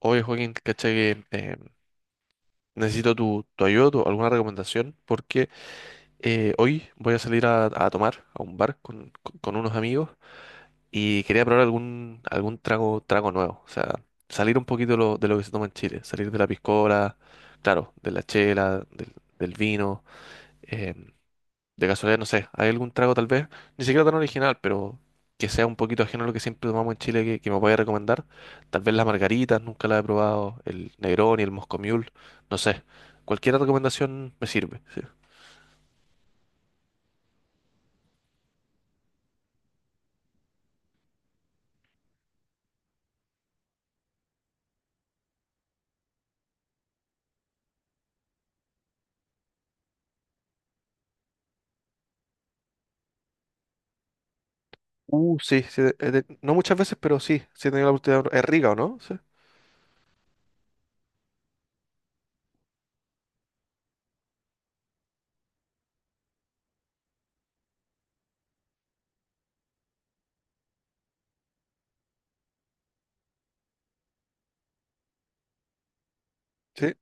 Oye, Joaquín, ¿cachai? Que, necesito tu ayuda, alguna recomendación, porque hoy voy a salir a tomar a un bar con unos amigos y quería probar algún trago nuevo. O sea, salir un poquito de de lo que se toma en Chile, salir de la piscola, claro, de la chela, del vino. eh, de casualidad, no sé, ¿hay algún trago tal vez? Ni siquiera tan original, pero que sea un poquito ajeno a lo que siempre tomamos en Chile que me vaya a recomendar. Tal vez las margaritas, nunca las he probado, el Negroni, el Moscow Mule, no sé. Cualquier recomendación me sirve. Sí. Sí, sí, no muchas veces, pero sí, sí he tenido la oportunidad. Es rica, ¿o no? Sí, sí, es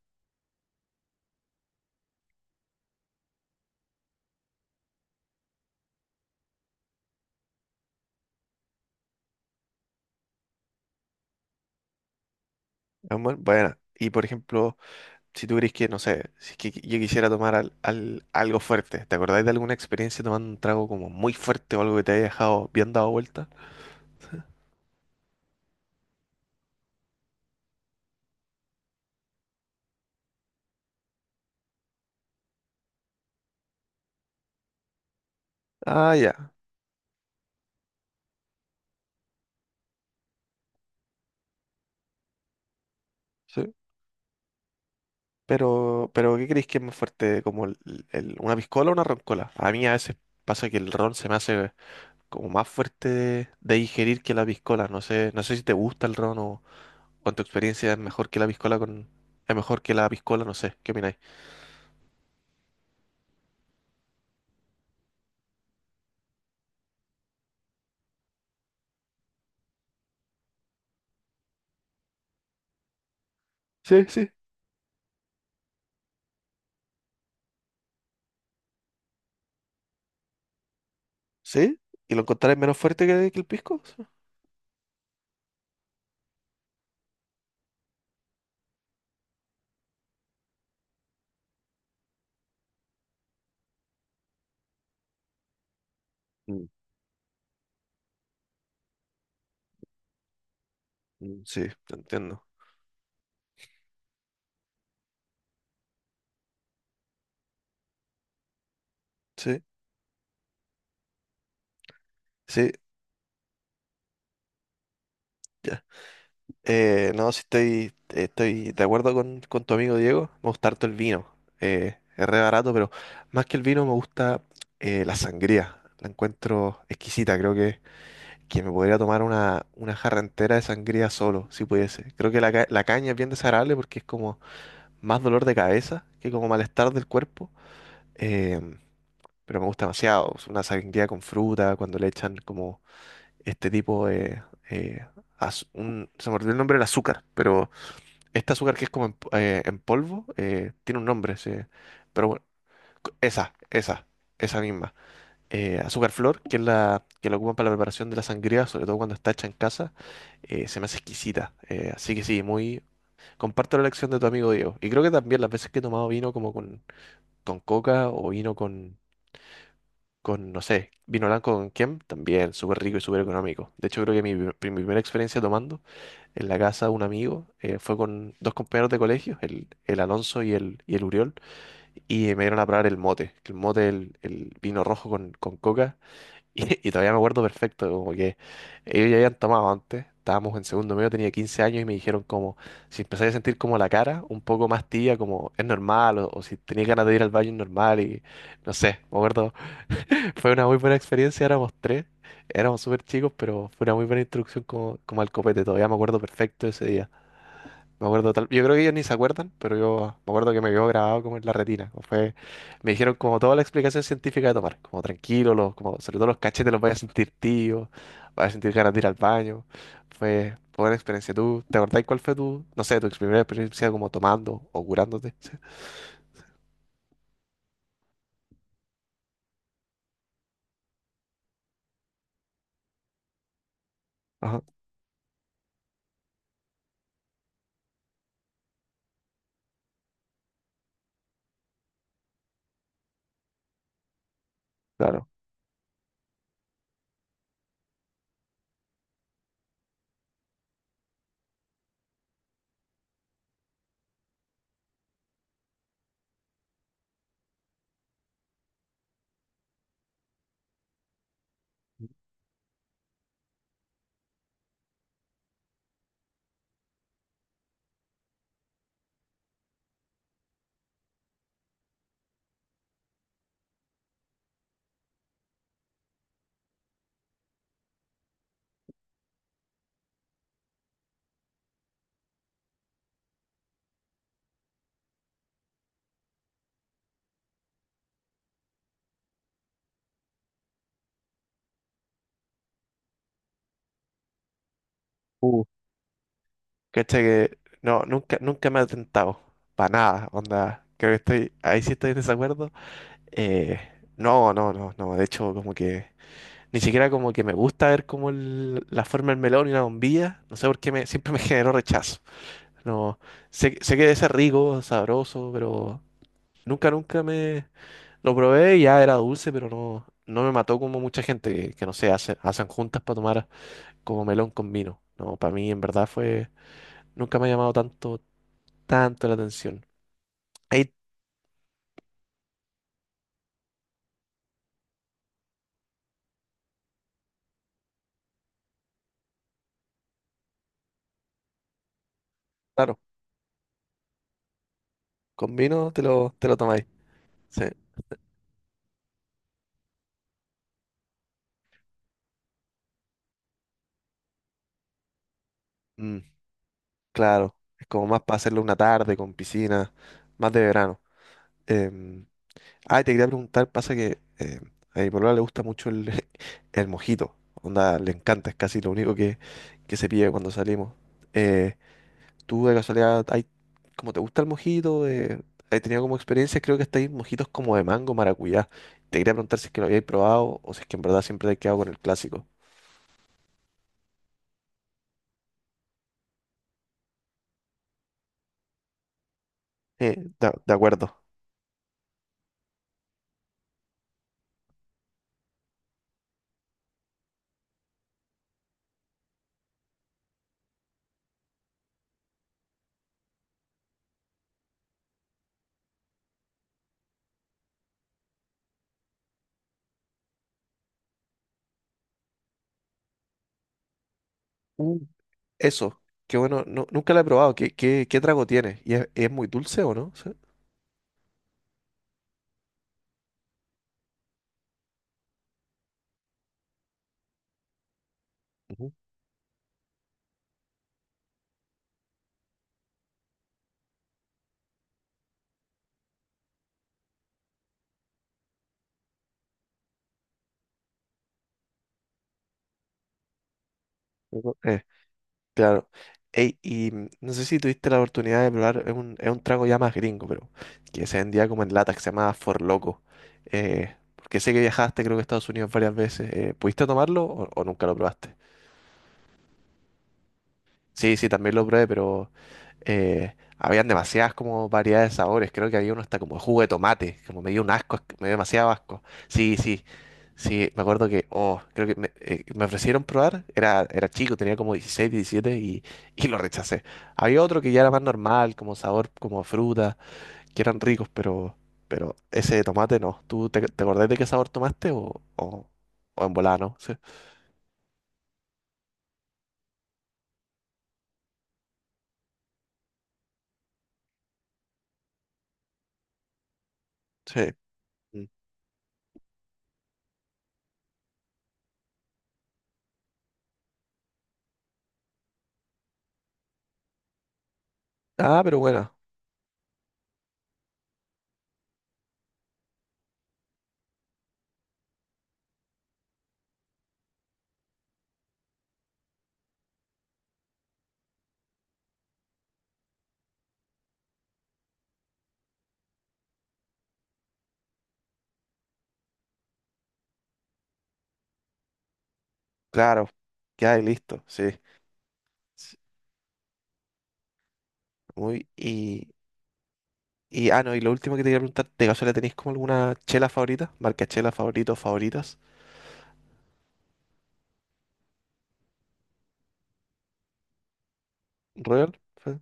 buena. Y por ejemplo, si tú crees que, no sé, si es que yo quisiera tomar algo fuerte, ¿te acordáis de alguna experiencia tomando un trago como muy fuerte o algo que te haya dejado bien dado vuelta? Ah, ya. Sí. Pero ¿qué creéis que es más fuerte? ¿Como una piscola o una roncola? A mí a veces pasa que el ron se me hace como más fuerte de digerir que la piscola. No sé, no sé si te gusta el ron o en tu experiencia es mejor que la piscola con, es mejor que la piscola, no sé, ¿qué opináis? Sí, sí. ¿Sí? ¿Y lo encontraréis menos fuerte que el pisco? Sí, mm, mm. Sí, te entiendo. Sí, sí. No, sí estoy, estoy de acuerdo con tu amigo Diego. Me gusta harto el vino. Es re barato, pero más que el vino me gusta la sangría. La encuentro exquisita. Creo que me podría tomar una jarra entera de sangría solo, si pudiese. Creo que la caña es bien desagradable porque es como más dolor de cabeza que como malestar del cuerpo. Em, pero me gusta demasiado. Es una sangría con fruta, cuando le echan como este tipo de eh, se me olvidó el nombre del azúcar, pero este azúcar que es como en polvo, tiene un nombre, sí. Pero bueno, esa, esa misma. Azúcar flor, que es la que la ocupan para la preparación de la sangría, sobre todo cuando está hecha en casa, se me hace exquisita. Así que sí, muy... Comparto la elección de tu amigo Diego. Y creo que también las veces que he tomado vino como con coca o vino con, no sé, vino blanco con quién, también súper rico y súper económico. De hecho, creo que mi primera experiencia tomando en la casa de un amigo fue con dos compañeros de colegio, el Alonso y y el Uriol, y me dieron a probar el mote, que el mote, el vino rojo con coca, y todavía me acuerdo perfecto, como que ellos ya habían tomado antes. Estábamos en segundo medio, tenía 15 años y me dijeron como si empecé a sentir como la cara un poco más tibia, como es normal, o si tenía ganas de ir al baño es normal, y no sé, me acuerdo fue una muy buena experiencia, éramos tres, éramos súper chicos, pero fue una muy buena introducción como, como al copete, todavía me acuerdo perfecto ese día. Me acuerdo tal, yo creo que ellos ni se acuerdan, pero yo me acuerdo que me quedó grabado como en la retina. Como fue, me dijeron como toda la explicación científica de tomar, como tranquilo, los, como, sobre todo los cachetes los vas a sentir tío, vas a sentir ganas de ir al baño. Fue buena experiencia. ¿Tú te acordás cuál fue tu, no sé, tu primera experiencia como tomando o curándote? Ajá, claro. Uh, cacha que no, nunca, nunca me ha tentado. Para nada, onda. Creo que estoy, ahí sí estoy en desacuerdo. Eh, no, no, no, no. De hecho, como que ni siquiera como que me gusta ver como la forma del melón y la bombilla. No sé por qué me, siempre me generó rechazo. No, sé, sé que debe ser rico, sabroso, pero nunca, nunca me lo probé, y ya era dulce, pero no, no me mató como mucha gente que no sé, hacen juntas para tomar como melón con vino. No, para mí en verdad fue, nunca me ha llamado tanto, tanto la atención. Ahí, claro, con vino te lo tomáis. Sí, mm, claro, es como más para hacerlo una tarde con piscina, más de verano. Em, Ah, te quería preguntar, pasa que a mi polola le gusta mucho el, el mojito. Onda, le encanta, es casi lo único que se pide cuando salimos. Eh, ¿Tú de casualidad, hay, como te gusta el mojito? He tenido como experiencias, creo que hasta hay mojitos como de mango, maracuyá. Te quería preguntar si es que lo habíais probado o si es que en verdad siempre te has quedado con el clásico. De acuerdo. Uh, Eso, qué bueno, no, nunca lo he probado. ¿Qué, qué, qué trago tiene? ¿Y es muy dulce o no? Sí. Ujú. Claro. Ey, y mm, no sé si tuviste la oportunidad de probar, es un trago ya más gringo, pero que se vendía como en lata, que se llamaba For Loco. Porque sé que viajaste, creo que a Estados Unidos varias veces. ¿Pudiste tomarlo o nunca lo probaste? Sí, sí, también lo probé, pero habían demasiadas como variedades de sabores. Creo que había uno hasta como de jugo de tomate, como me dio un asco, me dio demasiado asco. Sí, sí, sí, me acuerdo que, oh, creo que me, me ofrecieron probar, era, era chico, tenía como 16 17 y lo rechacé. Había otro que ya era más normal, como sabor, como fruta, que eran ricos, pero ese de tomate no. ¿Tú te, te acordás de qué sabor tomaste o en volada, no? Sí. Sí. Mm. Ah, pero bueno, claro, ya y listo, sí. S- muy, y, ah, no, y lo último que te quería preguntar, ¿de casualidad tenéis como alguna chela favorita? Marca chela favorito, favoritas. Royal. Sí.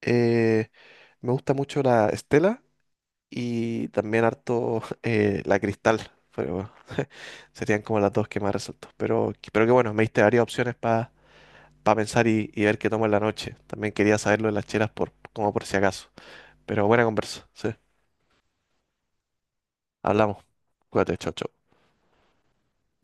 Eh, me gusta mucho la Estela y también harto la Cristal. Pero bueno, serían como las dos que más resalto. Pero que bueno, me diste varias opciones para pensar y ver qué tomo en la noche. También quería saber lo de las chelas por, como por si acaso. Pero buena conversa, sí. Hablamos. Cuídate, chao, chao.